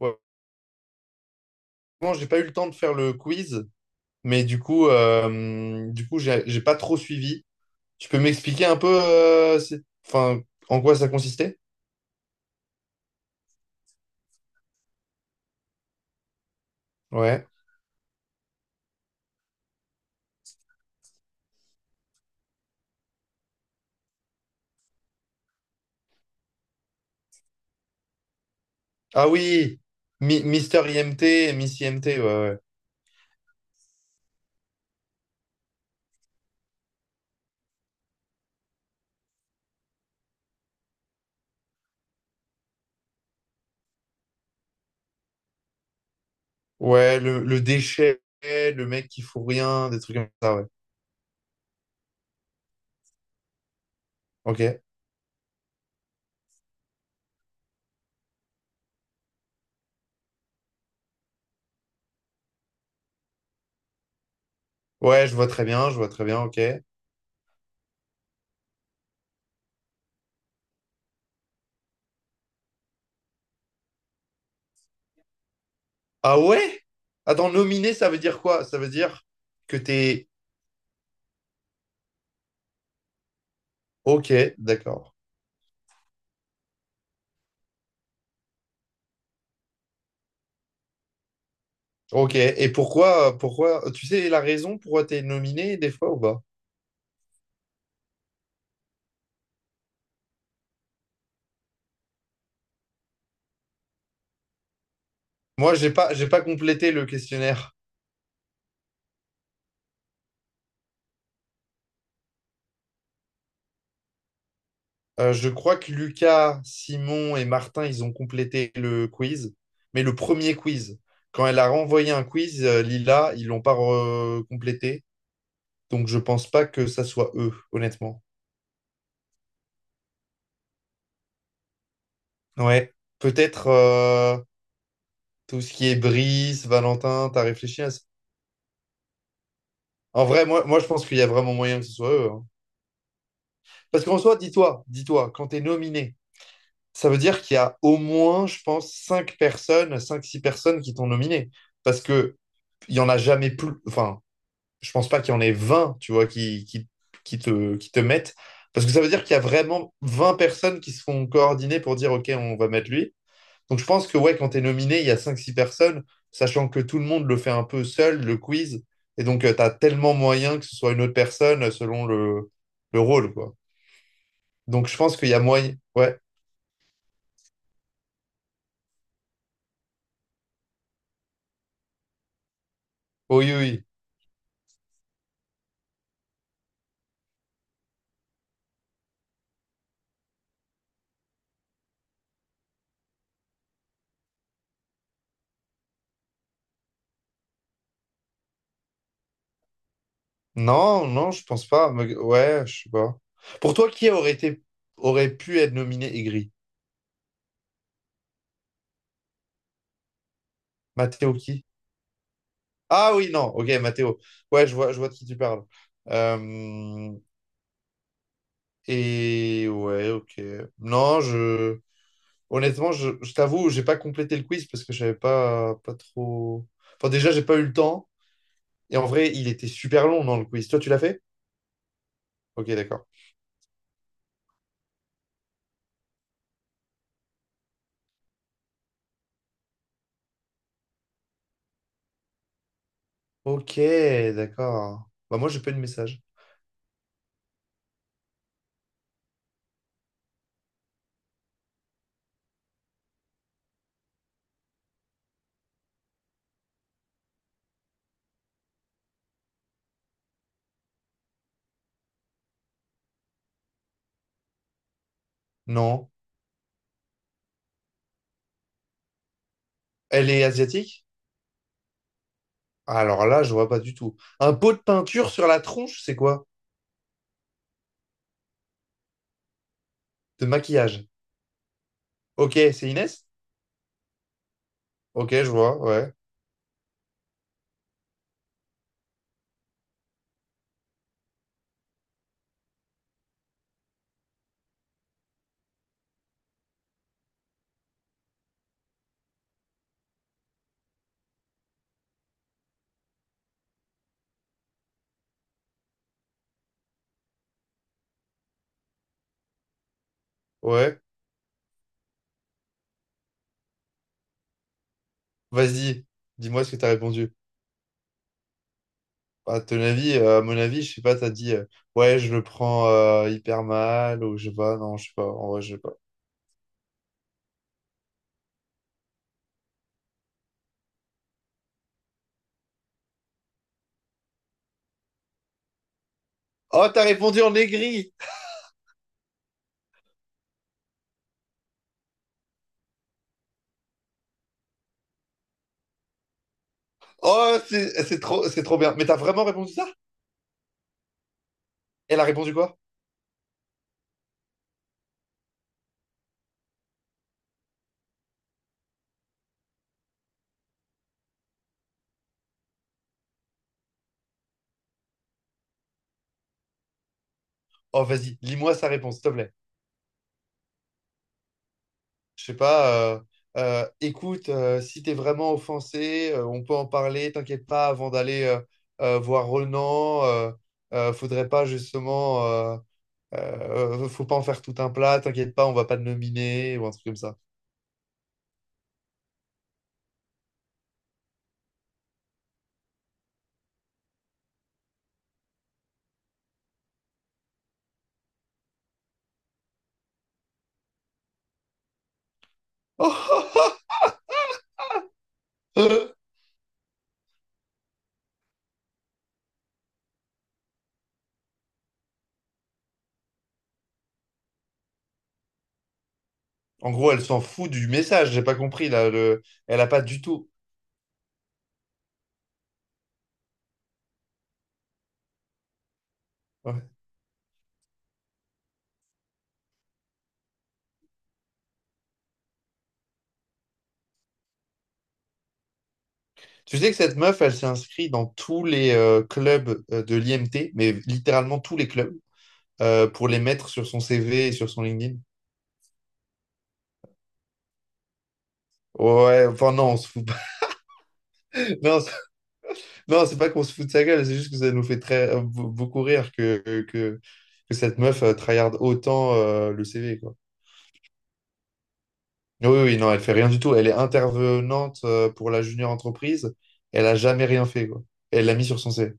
Ouais. Bon, j'ai pas eu le temps de faire le quiz, mais du coup, j'ai pas trop suivi. Tu peux m'expliquer un peu, enfin, en quoi ça consistait? Ouais. Ah oui, Mister IMT, et Miss IMT, ouais, ouais. Ouais, le déchet, le mec qui fout rien, des trucs comme ça, ouais. Ok. Ouais, je vois très bien, je vois très bien, ok. Ah ouais? Attends, nominé, ça veut dire quoi? Ça veut dire que t'es... Ok, d'accord. Ok, et pourquoi, tu sais la raison pourquoi t'es nominé des fois ou pas? Moi, j'ai pas complété le questionnaire. Je crois que Lucas, Simon et Martin, ils ont complété le quiz, mais le premier quiz. Quand elle a renvoyé un quiz, Lila, ils l'ont pas complété, donc je pense pas que ça soit eux, honnêtement. Ouais, peut-être tout ce qui est Brice, Valentin, t'as réfléchi à ça? En vrai, moi, je pense qu'il y a vraiment moyen que ce soit eux, hein. Parce qu'en soi, dis-toi, dis-toi, quand t'es nominé. Ça veut dire qu'il y a au moins, je pense, 5 personnes, cinq-six personnes qui t'ont nominé. Parce que il n'y en a jamais plus. Enfin, je pense pas qu'il y en ait 20, tu vois, qui te mettent. Parce que ça veut dire qu'il y a vraiment 20 personnes qui se font coordonner pour dire, OK, on va mettre lui. Donc je pense que ouais, quand tu es nominé, il y a cinq-six personnes, sachant que tout le monde le fait un peu seul, le quiz. Et donc, tu as tellement moyen que ce soit une autre personne selon le rôle, quoi. Donc je pense qu'il y a moyen. Ouais. Oui, oui, oui. Non, non, je pense pas. Mais- ouais, je sais pas. Pour toi, qui aurait été aurait pu être nominé aigri? Matteo qui? Ah oui, non, ok, Matteo. Ouais, je vois de qui tu parles. Euh, et ouais, ok. Non, je honnêtement, je t'avoue, j'ai pas complété le quiz parce que je savais pas, pas trop. Enfin, déjà, j'ai pas eu le temps. Et en vrai, il était super long dans le quiz. Toi, tu l'as fait? Ok, d'accord. Ok, d'accord. Bah moi, j'ai pas eu de message. Non. Elle est asiatique? Alors là, je vois pas du tout. Un pot de peinture sur la tronche, c'est quoi? De maquillage. Ok, c'est Inès? Ok, je vois, ouais, ouais. Vas-y, dis-moi ce que t'as répondu. Bah, à ton avis, à mon avis, je sais pas, t'as dit, ouais, je le prends hyper mal, ou je sais pas, non, je sais pas, en vrai, je sais pas. Oh, t'as répondu en aigri! Oh, c'est trop, c'est trop bien. Mais t'as vraiment répondu ça? Elle a répondu quoi? Oh, vas-y, lis-moi sa réponse, s'il te plaît. Je sais pas, écoute, si t'es vraiment offensé, on peut en parler, t'inquiète pas, avant d'aller voir Ronan, faudrait pas justement, faut pas en faire tout un plat, t'inquiète pas, on va pas te nominer, ou un truc comme ça. En gros, elle s'en fout du message, j'ai pas compris, là, le... elle a pas du tout. Ouais. Tu sais que cette meuf, elle s'est inscrite dans tous les clubs de l'IMT, mais littéralement tous les clubs, pour les mettre sur son CV et sur son LinkedIn. Ouais, enfin non, on se fout pas. Non, c'est non, c'est pas qu'on se fout de sa gueule, c'est juste que ça nous fait très beaucoup rire que, que cette meuf tryhard autant le CV, quoi. Oui, oui, non, elle fait rien du tout. Elle est intervenante pour la junior entreprise. Elle a jamais rien fait, quoi. Elle l'a mis sur son CV.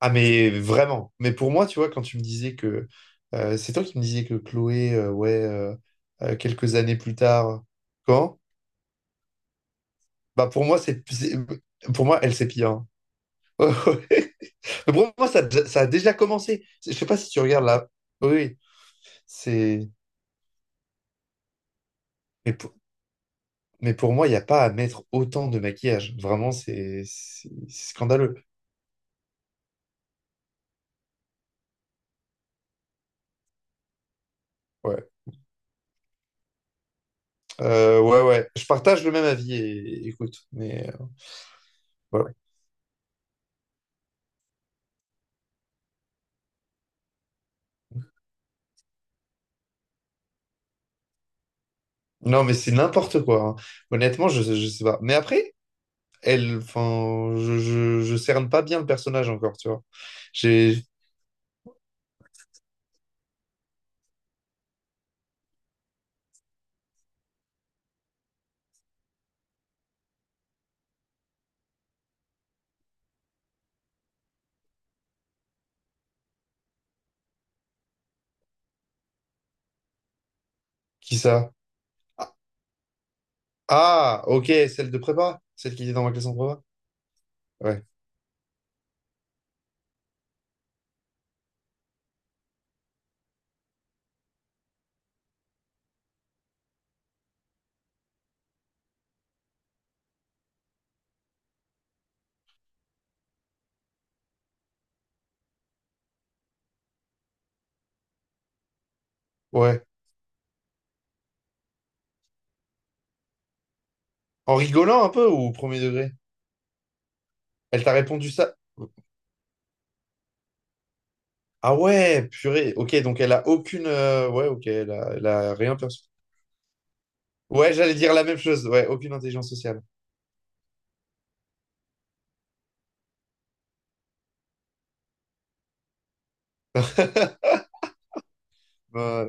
Ah, mais vraiment. Mais pour moi, tu vois, quand tu me disais que... c'est toi qui me disais que Chloé, quelques années plus tard... Quand? Bah pour moi, c'est- pour moi, elle, c'est pire. Mais pour moi, ça a déjà commencé. Je sais pas si tu regardes là. Oui, oui, c'est. Mais pour, mais pour moi, il n'y a pas à mettre autant de maquillage. Vraiment, c'est scandaleux. Ouais. Ouais, ouais. Je partage le même avis, et, écoute. Mais voilà. Non, mais c'est n'importe quoi, hein. Honnêtement, je sais pas. Mais après, elle, enfin, je cerne pas bien le personnage encore, tu vois. J'ai. Qui ça? Ah, ah, ok, celle de prépa. Celle qui était dans ma classe en prépa. Ouais. Ouais. En rigolant un peu ou au premier degré? Elle t'a répondu ça? Ah ouais, purée. Ok, donc elle a aucune. Ouais, ok, elle a rien perçu. Ouais, j'allais dire la même chose. Ouais, aucune intelligence sociale. Euh,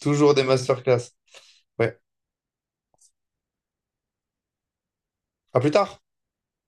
toujours des masterclass. Ouais. À plus tard.